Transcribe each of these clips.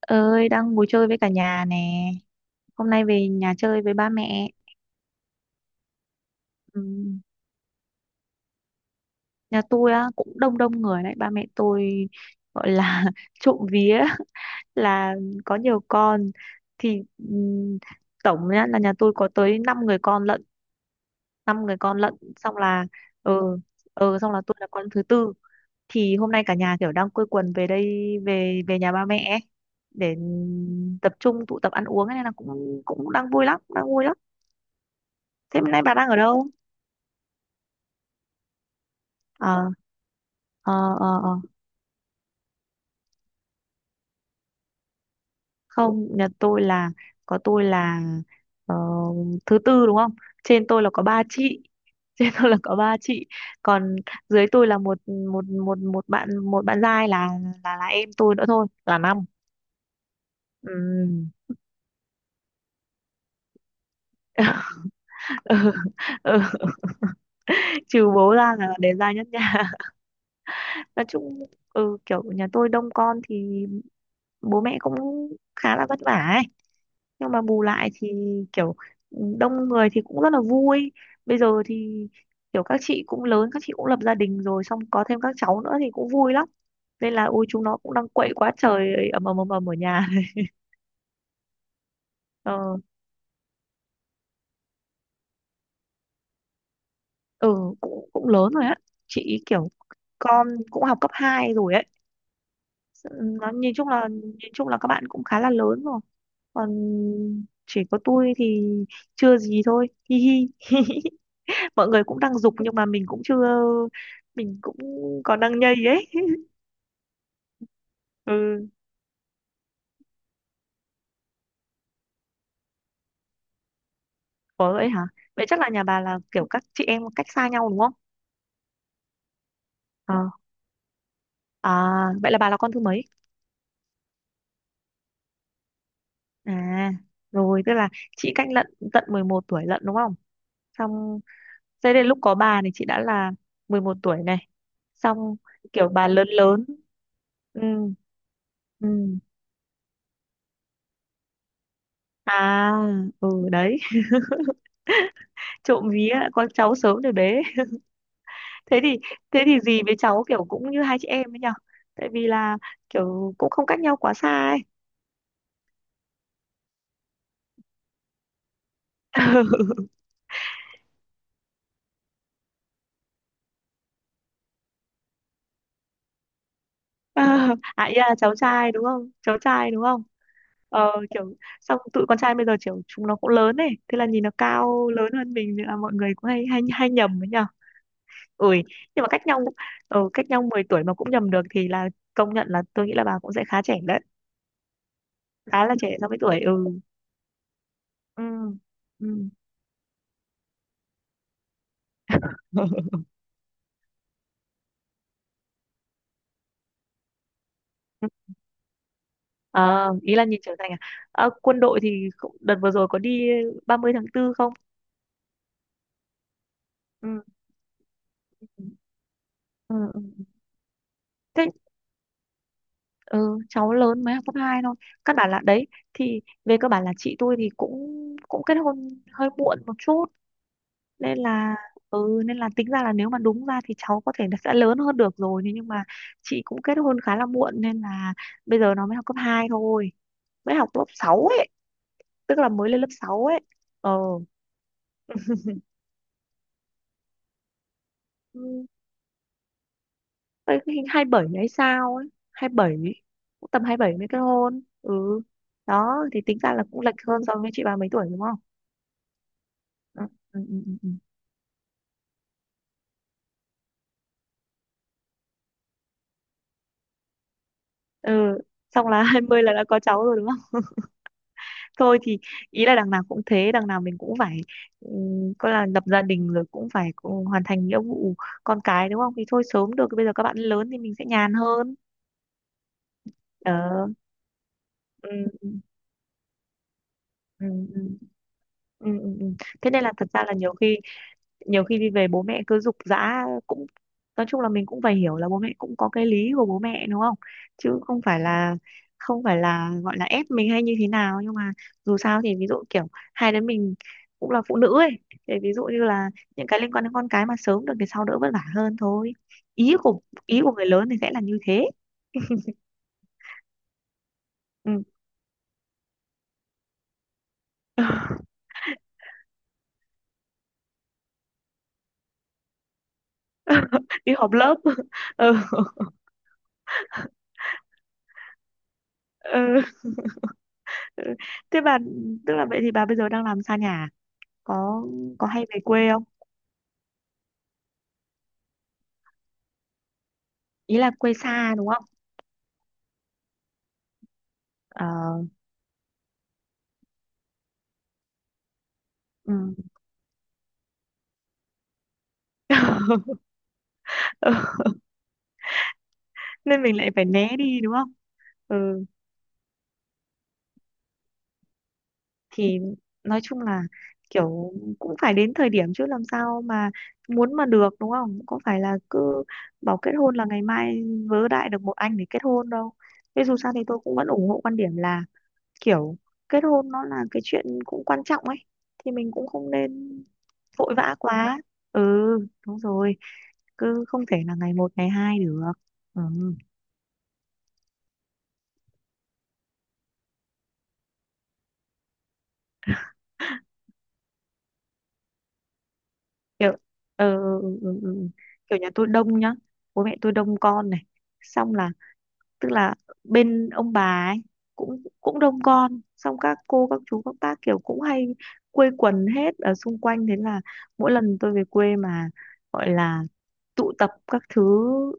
Ơi, đang ngồi chơi với cả nhà nè. Hôm nay về nhà chơi với ba mẹ. Ừm, Nhà tôi á cũng đông đông người đấy. Ba mẹ tôi gọi là trộm vía là có nhiều con, thì tổng nhá là nhà tôi có tới 5 người con lận. Năm người con lận, xong là ờ xong là tôi là con thứ tư. Thì hôm nay cả nhà kiểu đang quây quần về đây, về về nhà ba mẹ ấy, để tập trung tụ tập ăn uống ấy, nên là cũng cũng đang vui lắm, đang vui lắm. Thế hôm nay bà đang ở đâu? ờ ờ ờ ờ. Không, nhà tôi là có tôi là ờ, thứ tư đúng không, trên tôi là có ba chị. Trên tôi là có ba chị, còn dưới tôi là một một một một bạn, một bạn giai là là em tôi nữa thôi, là năm. Ừ. Ừ. Ừ. Trừ bố ra là để giai nhất nhà. Nói chung, ừ, kiểu nhà tôi đông con thì bố mẹ cũng khá là vất vả ấy, nhưng mà bù lại thì kiểu đông người thì cũng rất là vui. Bây giờ thì kiểu các chị cũng lớn, các chị cũng lập gia đình rồi, xong có thêm các cháu nữa thì cũng vui lắm, nên là ôi chúng nó cũng đang quậy quá trời, ầm ầm ầm ầm ở nhà. Ờ, ừ, cũng cũng lớn rồi á. Chị kiểu con cũng học cấp 2 rồi ấy. Ừ, nó nhìn chung là các bạn cũng khá là lớn rồi, còn chỉ có tôi thì chưa gì thôi, hi hi. Mọi người cũng đang giục nhưng mà mình cũng chưa, mình cũng còn đang nhây ấy. Ừ, có vậy hả. Vậy chắc là nhà bà là kiểu các chị em cách xa nhau đúng không. Ờ, à, vậy là bà là con thứ mấy. À, rồi tức là chị cách lận, tận 11 tuổi lận đúng không. Xong thế đến lúc có bà thì chị đã là 11 tuổi này, xong kiểu bà lớn lớn. Ừ. Ừ, à, ừ đấy. Trộm vía con cháu sớm rồi bé. Thế thì, thế thì dì với cháu kiểu cũng như hai chị em ấy nhở, tại vì là kiểu cũng không cách nhau quá xa ấy. Ờ, à ý là cháu trai đúng không, cháu trai đúng không. Ờ kiểu xong tụi con trai bây giờ kiểu chúng nó cũng lớn ấy, thế là nhìn nó cao lớn hơn mình thì là mọi người cũng hay hay hay nhầm ấy nhở. Ui, nhưng mà cách nhau, ờ, cách nhau 10 tuổi mà cũng nhầm được thì là công nhận, là tôi nghĩ là bà cũng sẽ khá trẻ đấy, khá là trẻ so với tuổi. Ừ. Ừ. Ừ. Ờ, ý là nhìn trưởng thành à? Ờ, quân đội thì cũng- đợt vừa rồi có đi 30 tháng tư không? Ừ. Ừ. Ừ. Thế ừ, cháu lớn mới học cấp 2 thôi. Căn bản là đấy, thì về cơ bản là chị tôi thì cũng cũng kết hôn hơi muộn một chút, nên là ừ, nên là tính ra là nếu mà đúng ra thì cháu có thể là sẽ lớn hơn được rồi, thế nhưng mà chị cũng kết hôn khá là muộn, nên là bây giờ nó mới học cấp 2 thôi. Mới học lớp 6 ấy, tức là mới lên lớp 6 ấy. Ờ. Đấy, cái hai bảy hay sao ấy, hai bảy, cũng tầm hai bảy mới kết hôn. Ừ, đó thì tính ra là cũng lệch hơn so với chị ba mấy tuổi đúng không. Ừ, ừ, ừ, ừ. Ừ. Ừ, xong là hai mươi là đã có cháu rồi đúng không. Thôi thì ý là đằng nào cũng thế, đằng nào mình cũng phải coi là lập gia đình rồi cũng phải cũng hoàn thành nghĩa vụ con cái đúng không. Thì thôi sớm được, bây giờ các bạn lớn thì mình sẽ nhàn hơn. Ờ. Ừ, ừ, ừ, ừ. Ừ, ừ, ừ. Thế nên là thật ra là nhiều khi, nhiều khi đi về bố mẹ cứ giục giã cũng, nói chung là mình cũng phải hiểu là bố mẹ cũng có cái lý của bố mẹ đúng không. Chứ không phải là, không phải là gọi là ép mình hay như thế nào, nhưng mà dù sao thì ví dụ kiểu hai đứa mình cũng là phụ nữ ấy, thì ví dụ như là những cái liên quan đến con cái mà sớm được thì sau đỡ vất vả hơn thôi. Ý của, ý của người lớn thì sẽ là như thế. Ừ. Đi họp lớp. Ừ. Ừ. Thế bà, tức là vậy thì bà bây giờ đang làm xa nhà à? có có hay về quê. Ý là quê xa đúng không. Ờ. Ừ. Ừ, nên mình lại phải né đi đúng không. Ừ, thì nói chung là kiểu cũng phải đến thời điểm, chứ làm sao mà muốn mà được đúng không. Cũng phải là cứ bảo kết hôn là ngày mai vớ đại được một anh để kết hôn đâu. Thế dù sao thì tôi cũng vẫn ủng hộ quan điểm là kiểu kết hôn nó là cái chuyện cũng quan trọng ấy, thì mình cũng không nên vội vã quá. Ừ, đúng rồi, cứ không thể là ngày một ngày hai được. Ừ. Kiểu, ờ, ừ, ừ, ừ. Kiểu nhà tôi đông nhá, bố mẹ tôi đông con này, xong là tức là bên ông bà ấy cũng cũng đông con, xong các cô các chú các bác kiểu cũng hay quây quần hết ở xung quanh, thế là mỗi lần tôi về quê mà gọi là tụ tập các thứ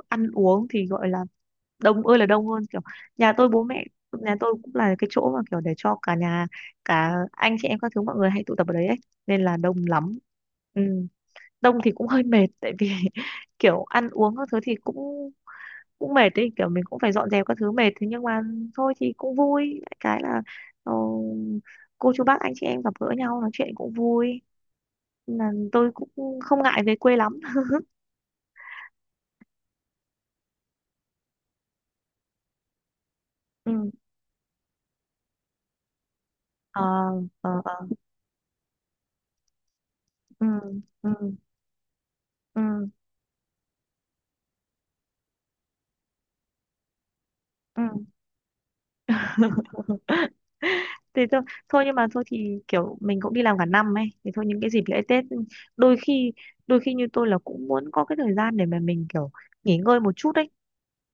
ăn uống thì gọi là đông ơi là đông. Hơn kiểu nhà tôi, bố mẹ nhà tôi cũng là cái chỗ mà kiểu để cho cả nhà, cả anh chị em các thứ mọi người hay tụ tập ở đấy ấy, nên là đông lắm. Ừ, đông thì cũng hơi mệt, tại vì kiểu ăn uống các thứ thì cũng cũng mệt đấy, kiểu mình cũng phải dọn dẹp các thứ mệt, thế nhưng mà thôi thì cũng vui. Cái là ờ, cô chú bác anh chị em gặp gỡ nhau nói chuyện cũng vui, là tôi cũng không ngại về quê lắm. Ừ. Ờ. Ờ. Ờ. Ừ. Ừ. Ừ. Ừ. Thì thôi, thôi nhưng mà thôi thì kiểu mình cũng đi làm cả năm ấy, thì thôi những cái dịp lễ Tết, ừ, đôi khi, đôi khi như tôi là cũng muốn có cái thời gian để mà mình kiểu nghỉ ngơi một chút ấy,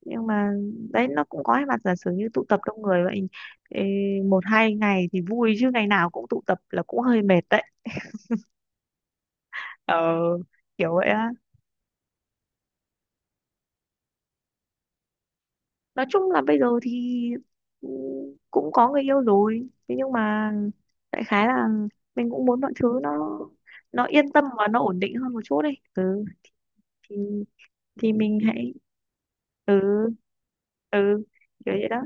nhưng mà đấy nó cũng có hai mặt. Giả sử như tụ tập đông người vậy, ê, một hai ngày thì vui chứ ngày nào cũng tụ tập là cũng hơi mệt đấy. Ờ, kiểu vậy á. Nói chung là bây giờ thì, ừ, cũng có người yêu rồi, thế nhưng mà đại khái là mình cũng muốn mọi thứ nó yên tâm và nó ổn định hơn một chút đi. Ừ, thì thì mình hãy, ừ, ừ, kiểu vậy đó.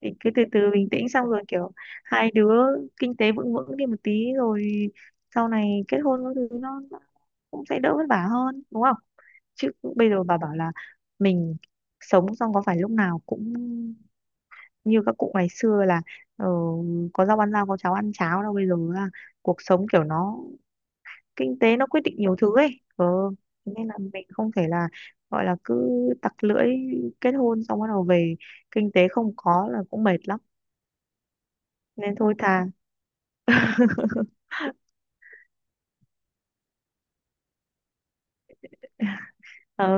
Thì cứ từ từ bình tĩnh, xong rồi kiểu hai đứa kinh tế vững vững đi một tí rồi sau này kết hôn các thứ nó cũng sẽ đỡ vất vả hơn đúng không. Chứ bây giờ bà bảo là mình sống, xong có phải lúc nào cũng như các cụ ngày xưa là ờ, có rau ăn rau có cháo ăn cháo đâu. Bây giờ là cuộc sống kiểu nó, kinh tế nó quyết định nhiều thứ ấy. Ờ, thế nên là mình không thể là gọi là cứ tặc lưỡi kết hôn xong bắt đầu về kinh tế không có là cũng mệt lắm, nên thôi thà. Ờ,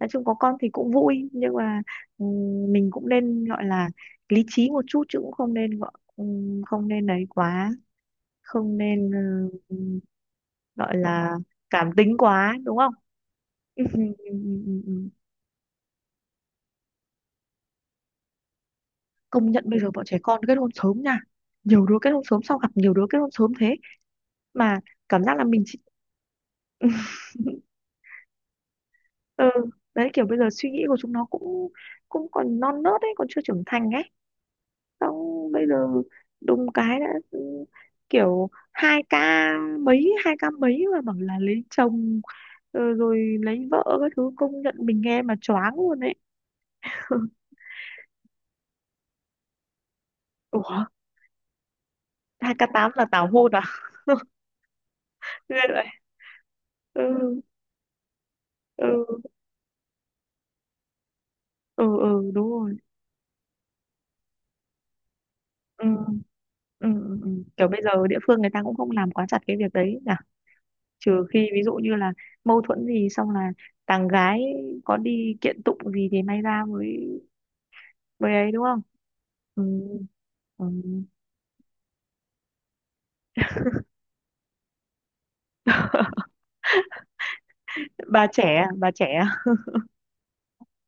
nói chung có con thì cũng vui, nhưng mà mình cũng nên gọi là lý trí một chút, chứ cũng không nên gọi không nên đấy quá, không nên. Ờ, gọi là cảm tính quá đúng không. Ừ, ừ, ừ, ừ, ừ. Ừ. Công nhận bây giờ bọn trẻ con kết hôn sớm nha, nhiều đứa kết hôn sớm, sao gặp nhiều đứa kết hôn sớm thế. Mà cảm giác là mình chỉ ừ, đấy kiểu bây giờ suy nghĩ của chúng nó cũng cũng còn non nớt ấy, còn chưa trưởng thành ấy. Xong bây giờ đùng cái đã, ừ, kiểu hai ca mấy mà bảo là lấy chồng, ờ, rồi lấy vợ các thứ, công nhận mình nghe mà choáng luôn ấy. Ủa, hai k tám là tảo hôn à? Ghê vậy. Ừ, ừ, ừ, ừ, đúng rồi. Ừ, ừ, ừ. Ừ. Kiểu bây giờ địa phương người ta cũng không làm quá chặt cái việc đấy nhỉ. Trừ khi ví dụ như là mâu thuẫn gì xong là thằng gái có đi kiện tụng gì thì may ra mới, mới ấy đúng không? Ừ, ừ. Bà trẻ, à? Bà trẻ, à?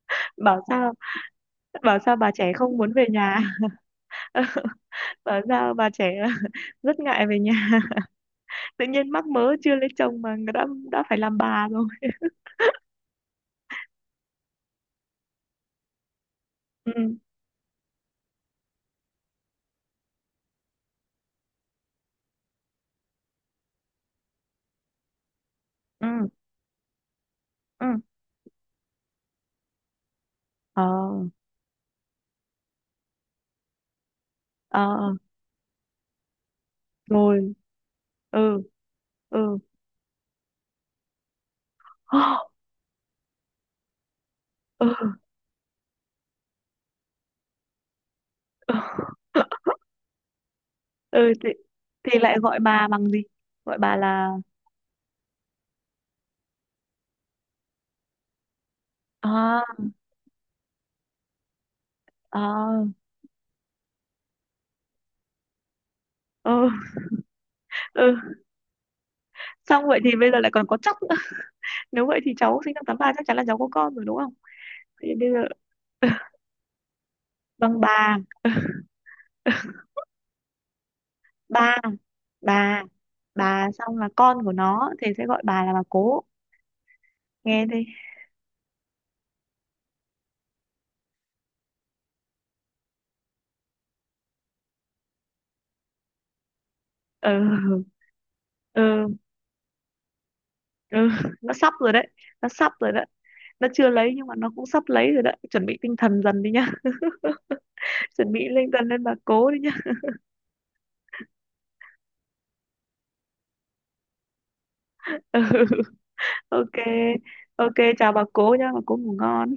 Bảo sao, bảo sao bà trẻ không muốn về nhà. Bảo sao bà trẻ rất ngại về nhà. Tự nhiên mắc mớ chưa lấy chồng mà đã phải làm bà rồi. Ừ, ừ. Ừ. Ờ. Ờ. Rồi. Ừ. Ừ. Ừ. Ừ. Ừ thì lại gọi bà bằng gì, gọi bà là. À. À. Ừ. Ừ. Xong vậy thì bây giờ lại còn có chắc nữa. Nếu vậy thì cháu sinh năm tám ba chắc chắn là cháu có con rồi đúng không. Vậy thì bây giờ bằng bà, ba, bà bà, xong là con của nó thì sẽ gọi bà là bà cố. Nghe đi. Ừ. Ừ. Ừ. Nó sắp rồi đấy, nó sắp rồi đấy. Nó chưa lấy nhưng mà nó cũng sắp lấy rồi đấy, chuẩn bị tinh thần dần đi nhá. Chuẩn bị tinh thần lên bà cố đi nhá. Ừ. Ok. Ok, chào bà cố nhá, bà cố ngủ ngon.